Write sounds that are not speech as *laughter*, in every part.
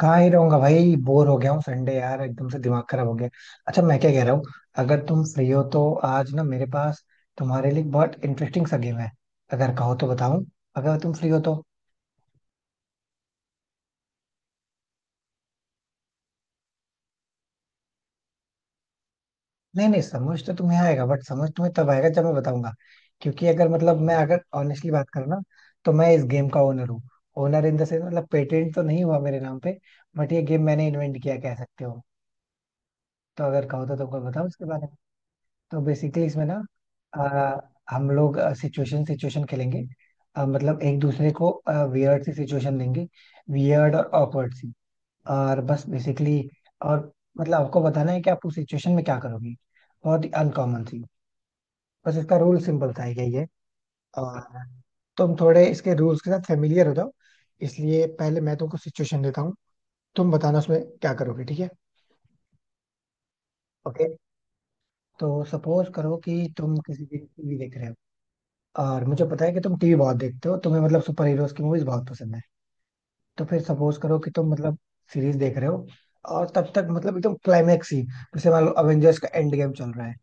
कहाँ ही रहूंगा भाई बोर हो गया हूँ संडे यार एकदम से दिमाग खराब हो गया। अच्छा मैं क्या कह रहा हूँ। अगर तुम फ्री हो तो आज ना मेरे पास तुम्हारे लिए एक बहुत इंटरेस्टिंग सा गेम है। अगर कहो तो बताऊं। अगर तुम फ्री हो तो। नहीं नहीं समझ तो तुम्हें आएगा बट समझ तुम्हें तब आएगा जब मैं बताऊंगा। क्योंकि अगर मतलब मैं अगर ऑनेस्टली बात करूँ ना तो मैं इस गेम का ओनर हूँ। ओनर इन द सेंस मतलब पेटेंट तो नहीं हुआ मेरे नाम पे। बट ये गेम मैंने इन्वेंट किया कह सकते हो। तो अगर कहो तो तुमको बताओ इसके बारे में। तो बेसिकली इसमें ना अ, हम लोग सिचुएशन सिचुएशन खेलेंगे। मतलब एक दूसरे को वियर्ड सी सिचुएशन देंगे। वियर्ड और awkward सी। और बस बेसिकली और मतलब आपको बताना है कि आप उस सिचुएशन में क्या करोगे। बहुत ही अनकॉमन सी। बस इसका रूल सिंपल था ये। और तुम थोड़े इसके रूल्स के साथ फेमिलियर हो जाओ इसलिए पहले मैं तुमको सिचुएशन देता हूँ। तुम बताना उसमें क्या करोगे। ठीक है। ओके। तो सपोज करो कि तुम किसी दिन टीवी देख रहे हो और मुझे पता है कि तुम टीवी बहुत देखते हो तुम्हें मतलब सुपर हीरोज की मूवीज बहुत पसंद है। तो फिर सपोज करो कि तुम मतलब सीरीज देख रहे हो। और तब तक मतलब एकदम क्लाइमेक्स ही जैसे मान लो अवेंजर्स का एंड गेम चल रहा है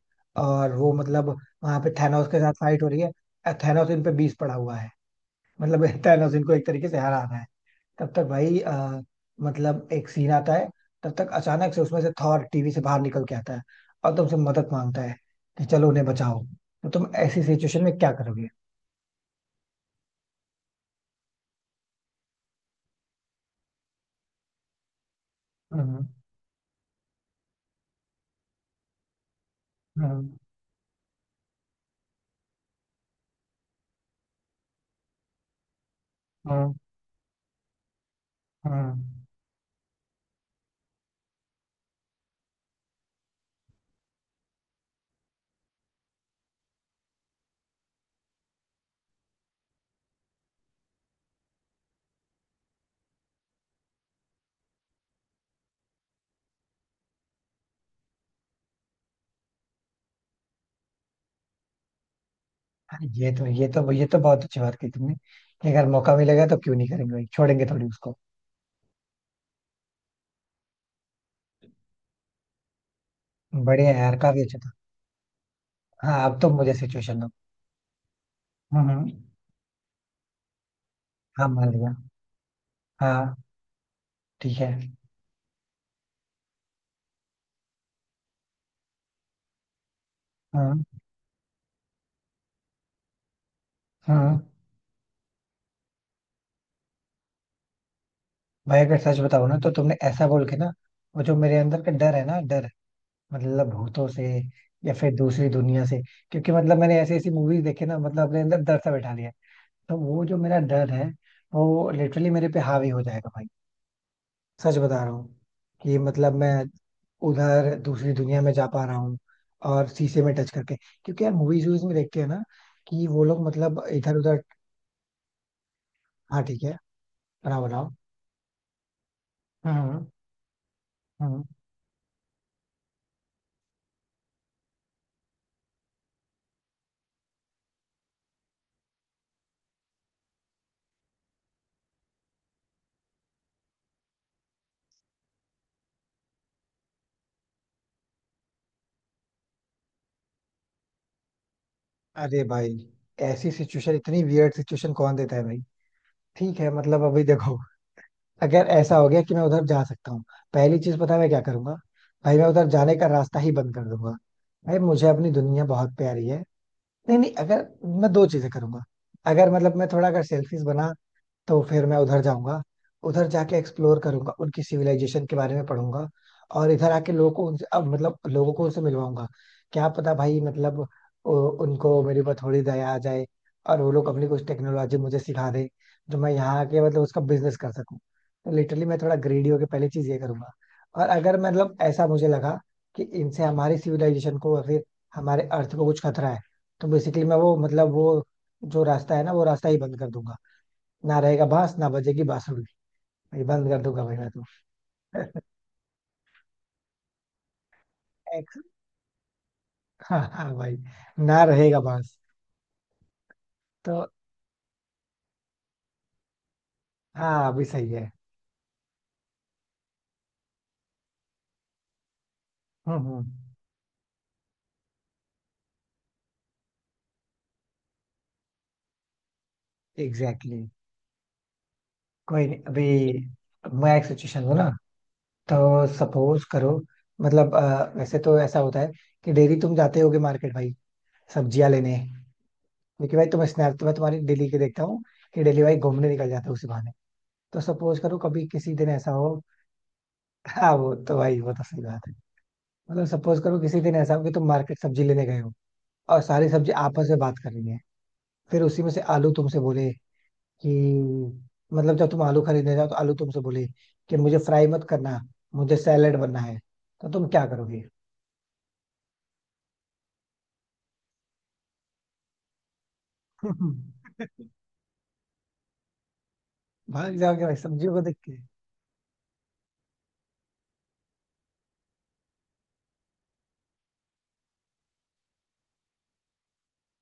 और वो मतलब वहां पे थैनोस के साथ फाइट हो रही है। थैनोस इन पे बीस पड़ा हुआ है। मतलब *laughs* थैनोस इनको एक तरीके से हराना है। तब तक भाई मतलब एक सीन आता है। तब तक अचानक से उसमें से थॉर टीवी से बाहर निकल के आता है और तुमसे मदद मांगता है कि चलो उन्हें बचाओ। तो तुम ऐसी सिचुएशन में क्या करोगे। हम्म। हाँ। हाँ। हाँ। हाँ, ये तो ये तो बहुत अच्छी बात की तुमने कि अगर मौका मिलेगा तो क्यों नहीं करेंगे भाई छोड़ेंगे थोड़ी उसको। बढ़िया है यार काफी अच्छा था। हाँ अब तो मुझे सिचुएशन दो। हम्म। हाँ मान लिया। हाँ ठीक है। हाँ। हाँ भाई अगर सच बताओ ना तो तुमने ऐसा बोल के ना वो जो मेरे अंदर का डर है ना डर मतलब भूतों से या फिर दूसरी दुनिया से। क्योंकि मतलब मैंने ऐसी ऐसी मूवीज देखी ना मतलब अपने अंदर डर सा बैठा लिया है। तो वो जो मेरा डर है वो लिटरली मेरे पे हावी हो जाएगा भाई सच बता रहा हूँ कि मतलब मैं उधर दूसरी दुनिया में जा पा रहा हूँ और शीशे में टच करके क्योंकि यार मूवीज वूवीज में देखते हैं ना कि वो लोग मतलब इधर उधर। हाँ ठीक है। बनाओ बनाओ। हम्म हम्म। अरे भाई ऐसी सिचुएशन इतनी वियर्ड सिचुएशन कौन देता है भाई। ठीक है मतलब अभी देखो अगर ऐसा हो गया कि मैं उधर जा सकता हूँ पहली चीज पता है मैं क्या करूंगा। भाई मैं उधर जाने का रास्ता ही बंद कर दूंगा। भाई मुझे अपनी दुनिया बहुत प्यारी है। नहीं नहीं अगर मैं दो चीजें करूंगा। अगर मतलब मैं थोड़ा अगर सेल्फिश बना तो फिर मैं उधर जाऊंगा। उधर जाके एक्सप्लोर करूंगा उनकी सिविलाइजेशन के बारे में पढ़ूंगा। और इधर आके लोगों को उनसे अब मतलब लोगों को उनसे मिलवाऊंगा। क्या पता भाई मतलब उनको मेरे ऊपर थोड़ी दया आ जाए और वो लोग अपनी कुछ टेक्नोलॉजी मुझे सिखा दे जो मैं यहाँ आके मतलब उसका बिजनेस कर सकूं। तो लिटरली मैं थोड़ा ग्रेडी होके पहली चीज ये करूंगा। और अगर मतलब ऐसा मुझे लगा कि इनसे हमारी सिविलाइजेशन को या फिर हमारे अर्थ को कुछ खतरा है तो बेसिकली मैं वो जो रास्ता है ना वो रास्ता ही बंद कर दूंगा। ना रहेगा बांस ना बजेगी बांसुरी भाई। *laughs* बंद कर दूंगा भाई मैं तो। *laughs* एक- हाँ हाँ भाई ना रहेगा बांस। तो हाँ अभी सही है। हम्म। Exactly exactly. कोई नहीं अभी मैं एक सिचुएशन हूँ ना तो सपोज करो मतलब वैसे तो ऐसा होता है कि डेली तुम जाते होगे मार्केट भाई सब्जियां लेने। क्योंकि भाई तुम स्नैप तो मैं तुम्हारी डेली के देखता हूँ कि डेली भाई घूमने निकल जाते हो उसी बहाने। तो सपोज करो कभी किसी दिन ऐसा हो। *laughs* हाँ वो तो भाई वो तो सही बात है। मतलब सपोज करो किसी दिन ऐसा हो कि तुम मार्केट सब्जी लेने गए हो और सारी सब्जी आपस में बात कर रही है। फिर उसी में से आलू तुमसे बोले कि मतलब जब तुम आलू खरीदने जाओ तो आलू तुमसे बोले कि मुझे फ्राई मत करना मुझे सैलेड बनना है। तो तुम क्या करोगे। *laughs* भाग जाओगे भाई सब्जियों को देख के।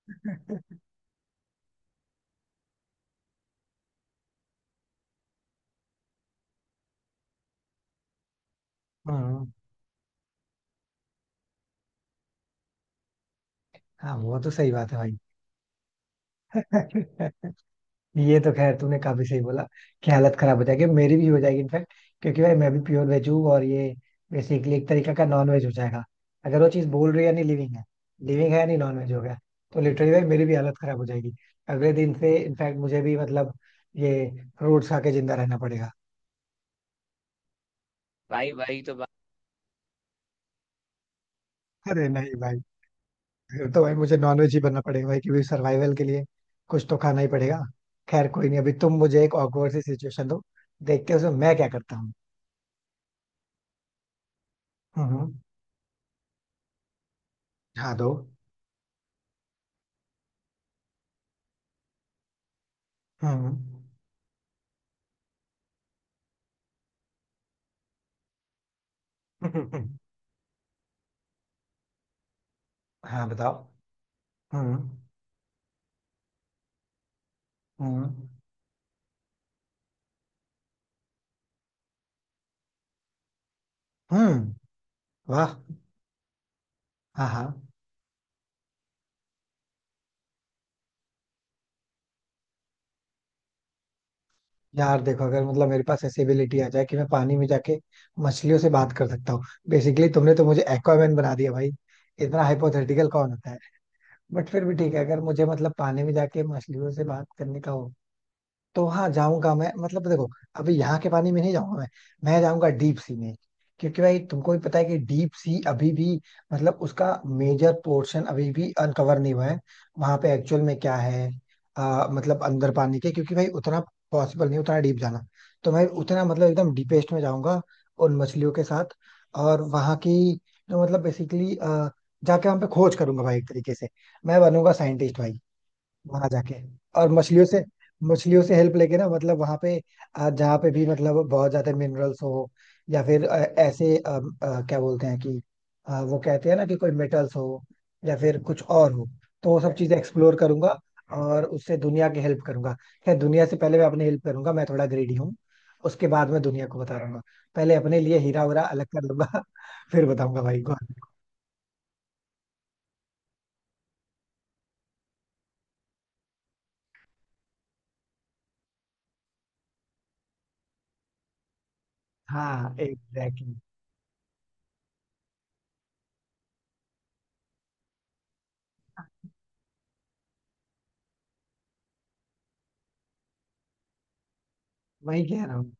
*laughs* हाँ हाँ वो तो सही बात है भाई। *laughs* ये तो खैर तूने काफी सही बोला कि हालत खराब हो जाएगी मेरी भी हो जाएगी इनफैक्ट क्योंकि भाई मैं भी प्योर वेज हूँ और ये बेसिकली एक तरीका का नॉन वेज हो जाएगा। अगर वो चीज बोल रही है नहीं लिविंग है लिविंग है या नहीं नॉन वेज हो गया। तो लिटरली भाई मेरी भी हालत खराब हो जाएगी अगले दिन से इनफैक्ट मुझे भी मतलब ये फ्रूट्स खा के जिंदा रहना पड़ेगा। भाई भाई तो बात। अरे नहीं भाई फिर तो भाई मुझे नॉनवेज ही बनना पड़ेगा भाई क्योंकि सर्वाइवल के लिए कुछ तो खाना ही पड़ेगा। खैर कोई नहीं अभी तुम मुझे एक ऑकवर्ड सी सिचुएशन दो देखते हैं उसमें मैं क्या करता हूँ। हम्म, हम्म। हाँ दो। हम्म। *laughs* हाँ बताओ। हम्म हम्म। हम्म, वाह। हाँ हाँ। यार देखो अगर मतलब मेरे पास ऐसी एबिलिटी आ जाए कि मैं पानी में जाके मछलियों से बात कर सकता हूँ बेसिकली तुमने तो मुझे एक्वामैन बना दिया भाई। इतना हाइपोथेटिकल कौन होता है। बट फिर भी ठीक है अगर मुझे मतलब पानी में जाके मछलियों से बात करने का हो तो हाँ जाऊंगा मैं मतलब देखो। अभी यहाँ के पानी में नहीं जाऊंगा मैं। मैं जाऊंगा डीप सी में। क्योंकि भाई तुमको भी पता है कि डीप सी अभी भी मतलब उसका मेजर पोर्शन अभी भी अनकवर नहीं हुआ है। वहां पे एक्चुअल में क्या है मतलब अंदर पानी के क्योंकि भाई उतना पॉसिबल नहीं उतना डीप जाना। तो मैं उतना मतलब एकदम डीपेस्ट में जाऊंगा उन मछलियों के साथ। और वहां की जो मतलब बेसिकली जाके वहां पे खोज करूंगा भाई एक तरीके से मैं बनूंगा साइंटिस्ट भाई वहां जाके। और मछलियों से हेल्प लेके ना मतलब वहां पे जहाँ पे भी मतलब बहुत ज्यादा मिनरल्स हो या फिर ऐसे क्या बोलते हैं कि वो कहते हैं ना कि कोई मेटल्स हो या फिर कुछ और हो। तो वो सब चीजें एक्सप्लोर करूंगा और उससे दुनिया की हेल्प करूंगा। खैर दुनिया से पहले मैं अपनी हेल्प करूंगा मैं थोड़ा ग्रेडी हूँ। उसके बाद मैं दुनिया को बता दूंगा। पहले अपने लिए हीरा उरा अलग कर लूंगा। *laughs* फिर बताऊंगा भाई को। हाँ एग्जैक्टली। वही कह रहा हूँ।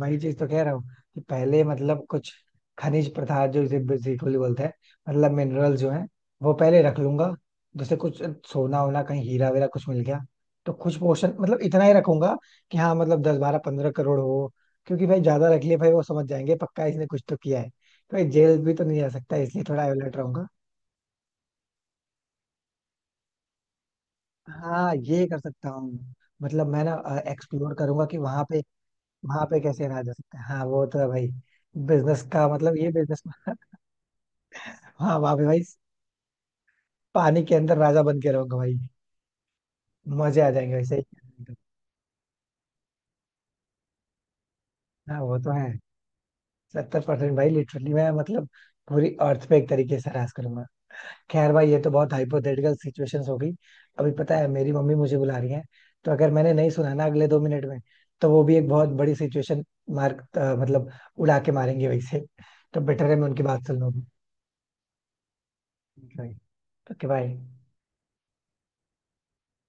वही चीज तो कह रहा हूँ कि पहले मतलब कुछ खनिज पदार्थ जो इसे बेसिकली बोलते हैं मतलब मिनरल जो है वो पहले रख लूंगा। जैसे कुछ सोना वोना कहीं हीरा वीरा कुछ मिल गया तो कुछ पोर्शन मतलब इतना ही रखूंगा कि हाँ मतलब 10 12 15 करोड़ हो। क्योंकि भाई ज्यादा रख लिए भाई वो समझ जाएंगे पक्का इसने कुछ तो किया है। तो ये जेल भी तो नहीं जा सकता इसलिए थोड़ा अलर्ट रहूंगा। हाँ ये कर सकता हूँ। मतलब मैं ना एक्सप्लोर करूंगा कि वहां पे कैसे रहा जा सकता है। हाँ वो तो है भाई। बिजनेस का मतलब ये बिजनेस। *laughs* हाँ वहां पे भाई पानी के अंदर राजा बन के रहोगे भाई मजे आ जाएंगे वैसे ही। हाँ वो तो है। 70% भाई लिटरली मैं मतलब पूरी अर्थ पे एक तरीके से राज करूंगा। खैर भाई ये तो बहुत हाइपोथेटिकल सिचुएशंस हो गई। अभी पता है मेरी मम्मी मुझे बुला रही है तो अगर मैंने नहीं सुना ना अगले 2 मिनट में तो वो भी एक बहुत बड़ी सिचुएशन मार्क मतलब उड़ा के मारेंगे वैसे। तो बेटर है मैं उनकी बात सुन लूँ। ओके भाई।